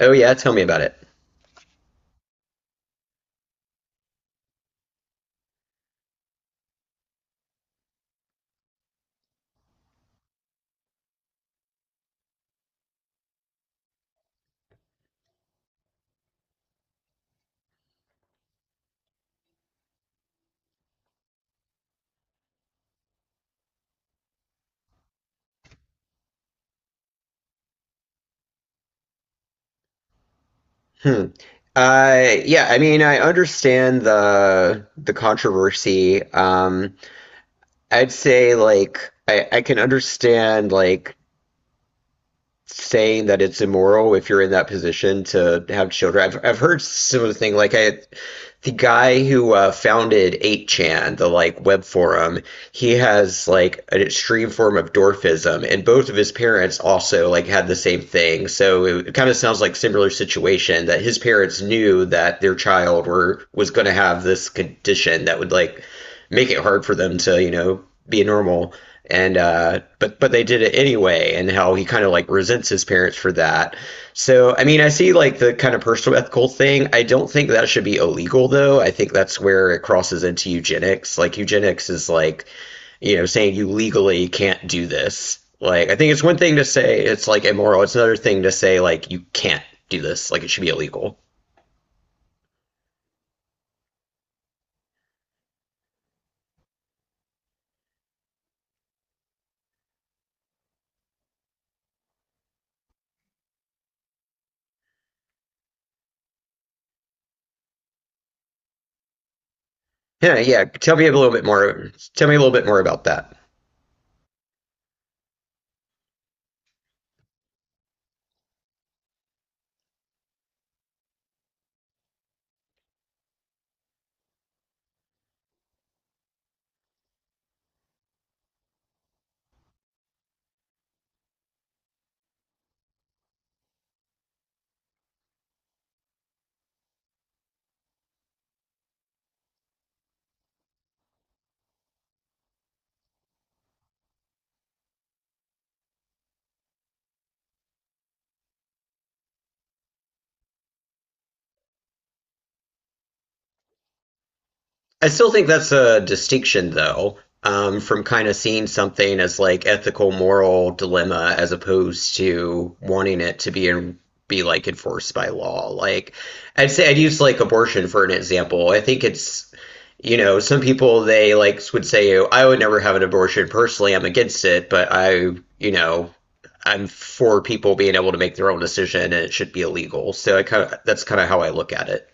Oh yeah, tell me about it. Hmm. Yeah, I mean, I understand the controversy. I'd say like I can understand like saying that it's immoral if you're in that position to have children. I've heard similar thing like I the guy who founded 8chan, the like web forum. He has like an extreme form of dwarfism, and both of his parents also like had the same thing. So it kind of sounds like similar situation that his parents knew that their child were was going to have this condition that would like make it hard for them to be normal, and but they did it anyway, and how he kind of like resents his parents for that. So I mean I see like the kind of personal ethical thing. I don't think that should be illegal, though. I think that's where it crosses into eugenics. Like eugenics is like, saying you legally can't do this. Like I think it's one thing to say it's like immoral, it's another thing to say like you can't do this, like it should be illegal. Yeah, yeah, tell me a little bit more about that. I still think that's a distinction, though. From kind of seeing something as like ethical, moral dilemma as opposed to wanting it to be like enforced by law. Like, I'd say I'd use like abortion for an example. I think it's, you know, some people they like would say, "Oh, I would never have an abortion personally. I'm against it, but I, you know, I'm for people being able to make their own decision, and it should be illegal." So I kind of that's kind of how I look at it.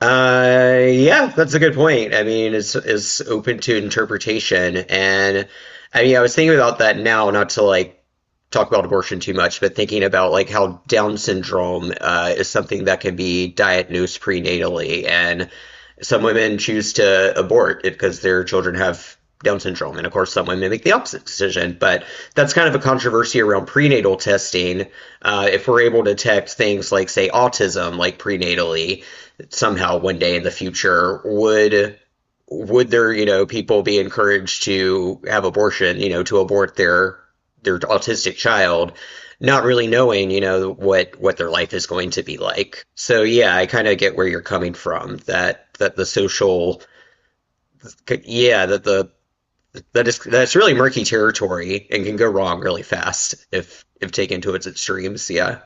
Yeah, that's a good point. I mean, it's open to interpretation. And I mean, I was thinking about that now, not to like talk about abortion too much, but thinking about like how Down syndrome is something that can be diagnosed prenatally, and some women choose to abort it because their children have Down syndrome, and of course, some women make the opposite decision. But that's kind of a controversy around prenatal testing. If we're able to detect things like, say, autism, like prenatally somehow one day in the future, would there, you know, people be encouraged to have abortion, you know, to abort their autistic child, not really knowing, you know, what their life is going to be like. So yeah, I kind of get where you're coming from, that the social, yeah, that the, that is, that's really murky territory and can go wrong really fast if taken to its extremes, yeah.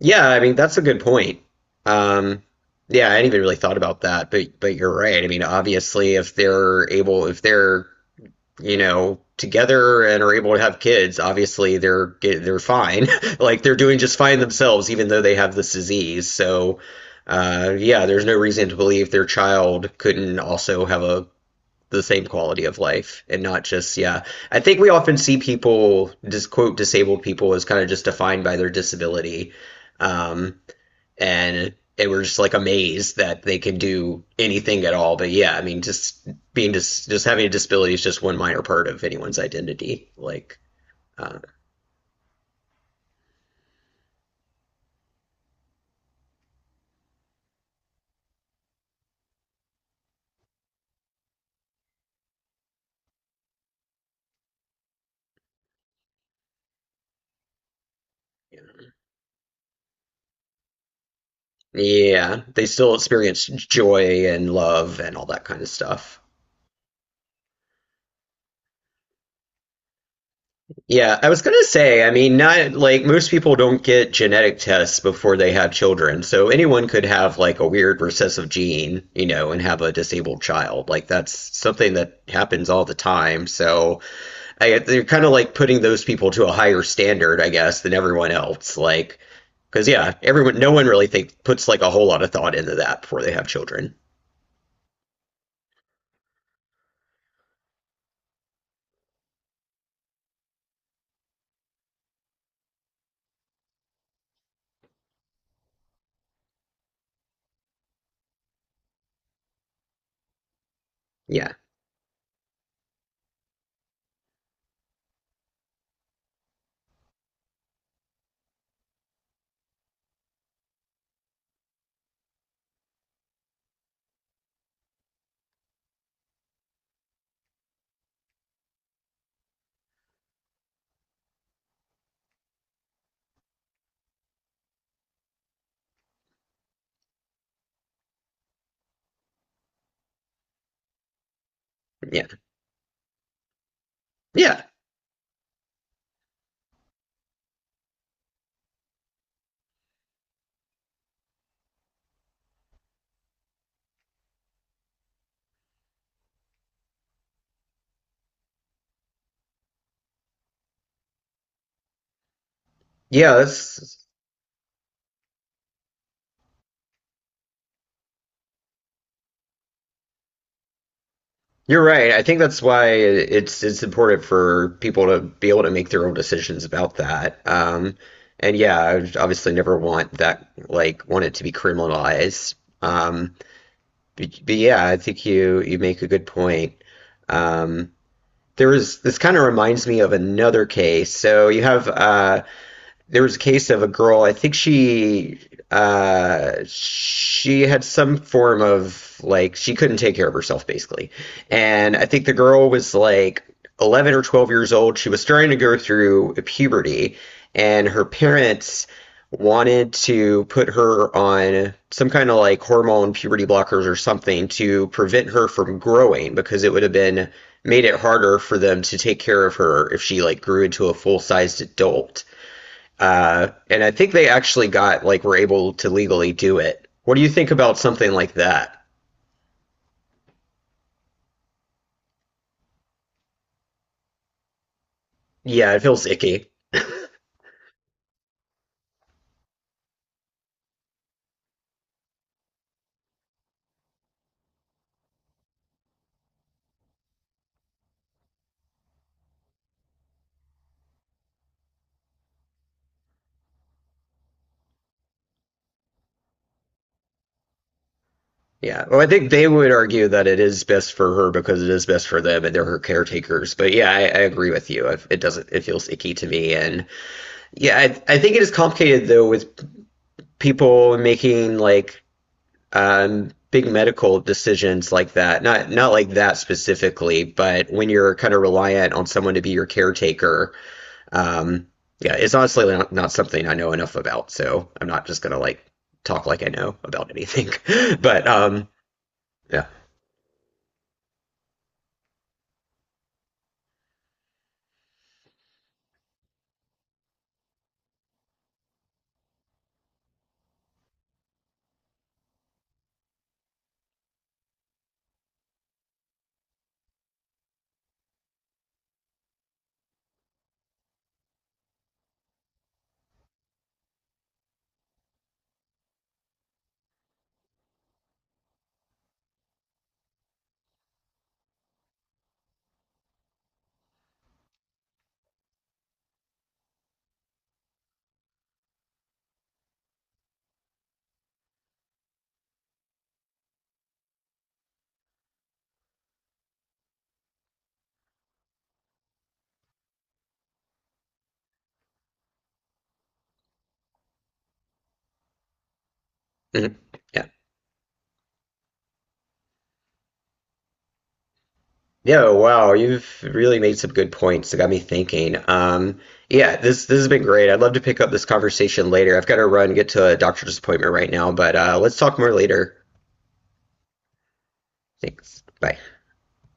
Yeah, I mean that's a good point. Um, yeah, I hadn't even really thought about that, but you're right. I mean, obviously, if they're able, if they're, you know, together and are able to have kids, obviously they're they're fine. Like they're doing just fine themselves, even though they have this disease. So, yeah, there's no reason to believe their child couldn't also have a the same quality of life and not just yeah. I think we often see people just quote disabled people as kind of just defined by their disability. Um, and they were just like amazed that they could do anything at all. But yeah, I mean, just being just having a disability is just one minor part of anyone's identity. Like, uh, yeah. Yeah, they still experience joy and love and all that kind of stuff. Yeah, I was gonna say, I mean, not like most people don't get genetic tests before they have children, so anyone could have like a weird recessive gene, you know, and have a disabled child. Like that's something that happens all the time. So I, they're kind of like putting those people to a higher standard, I guess, than everyone else. Like, because yeah, everyone, no one really think puts like a whole lot of thought into that before they have children. Yeah, yeah, yeah, yeah. That's You're right. I think that's why it's important for people to be able to make their own decisions about that. And yeah, I would obviously never want that, like want it to be criminalized. Um, but, yeah, I think you make a good point. Um, there was this, kind of reminds me of another case. So you have, there was a case of a girl. I think she, she had some form of like she couldn't take care of herself basically, and I think the girl was like 11 or 12 years old. She was starting to go through puberty, and her parents wanted to put her on some kind of like hormone puberty blockers or something to prevent her from growing because it would have been made it harder for them to take care of her if she like grew into a full-sized adult. And I think they actually got like were able to legally do it. What do you think about something like that? Yeah, it feels icky. Yeah. Well, I think they would argue that it is best for her because it is best for them and they're her caretakers. But yeah, I agree with you. It doesn't. It feels icky to me. And yeah, I think it is complicated though with people making like big medical decisions like that. Not like that specifically, but when you're kind of reliant on someone to be your caretaker. Um, yeah, it's honestly not something I know enough about, so I'm not just gonna like talk like I know about anything. but Yeah. Mhm. Yeah, yeah. Wow, you've really made some good points that got me thinking. Yeah, this has been great. I'd love to pick up this conversation later. I've got to run, get to a doctor's appointment right now, but let's talk more later. Thanks. Bye.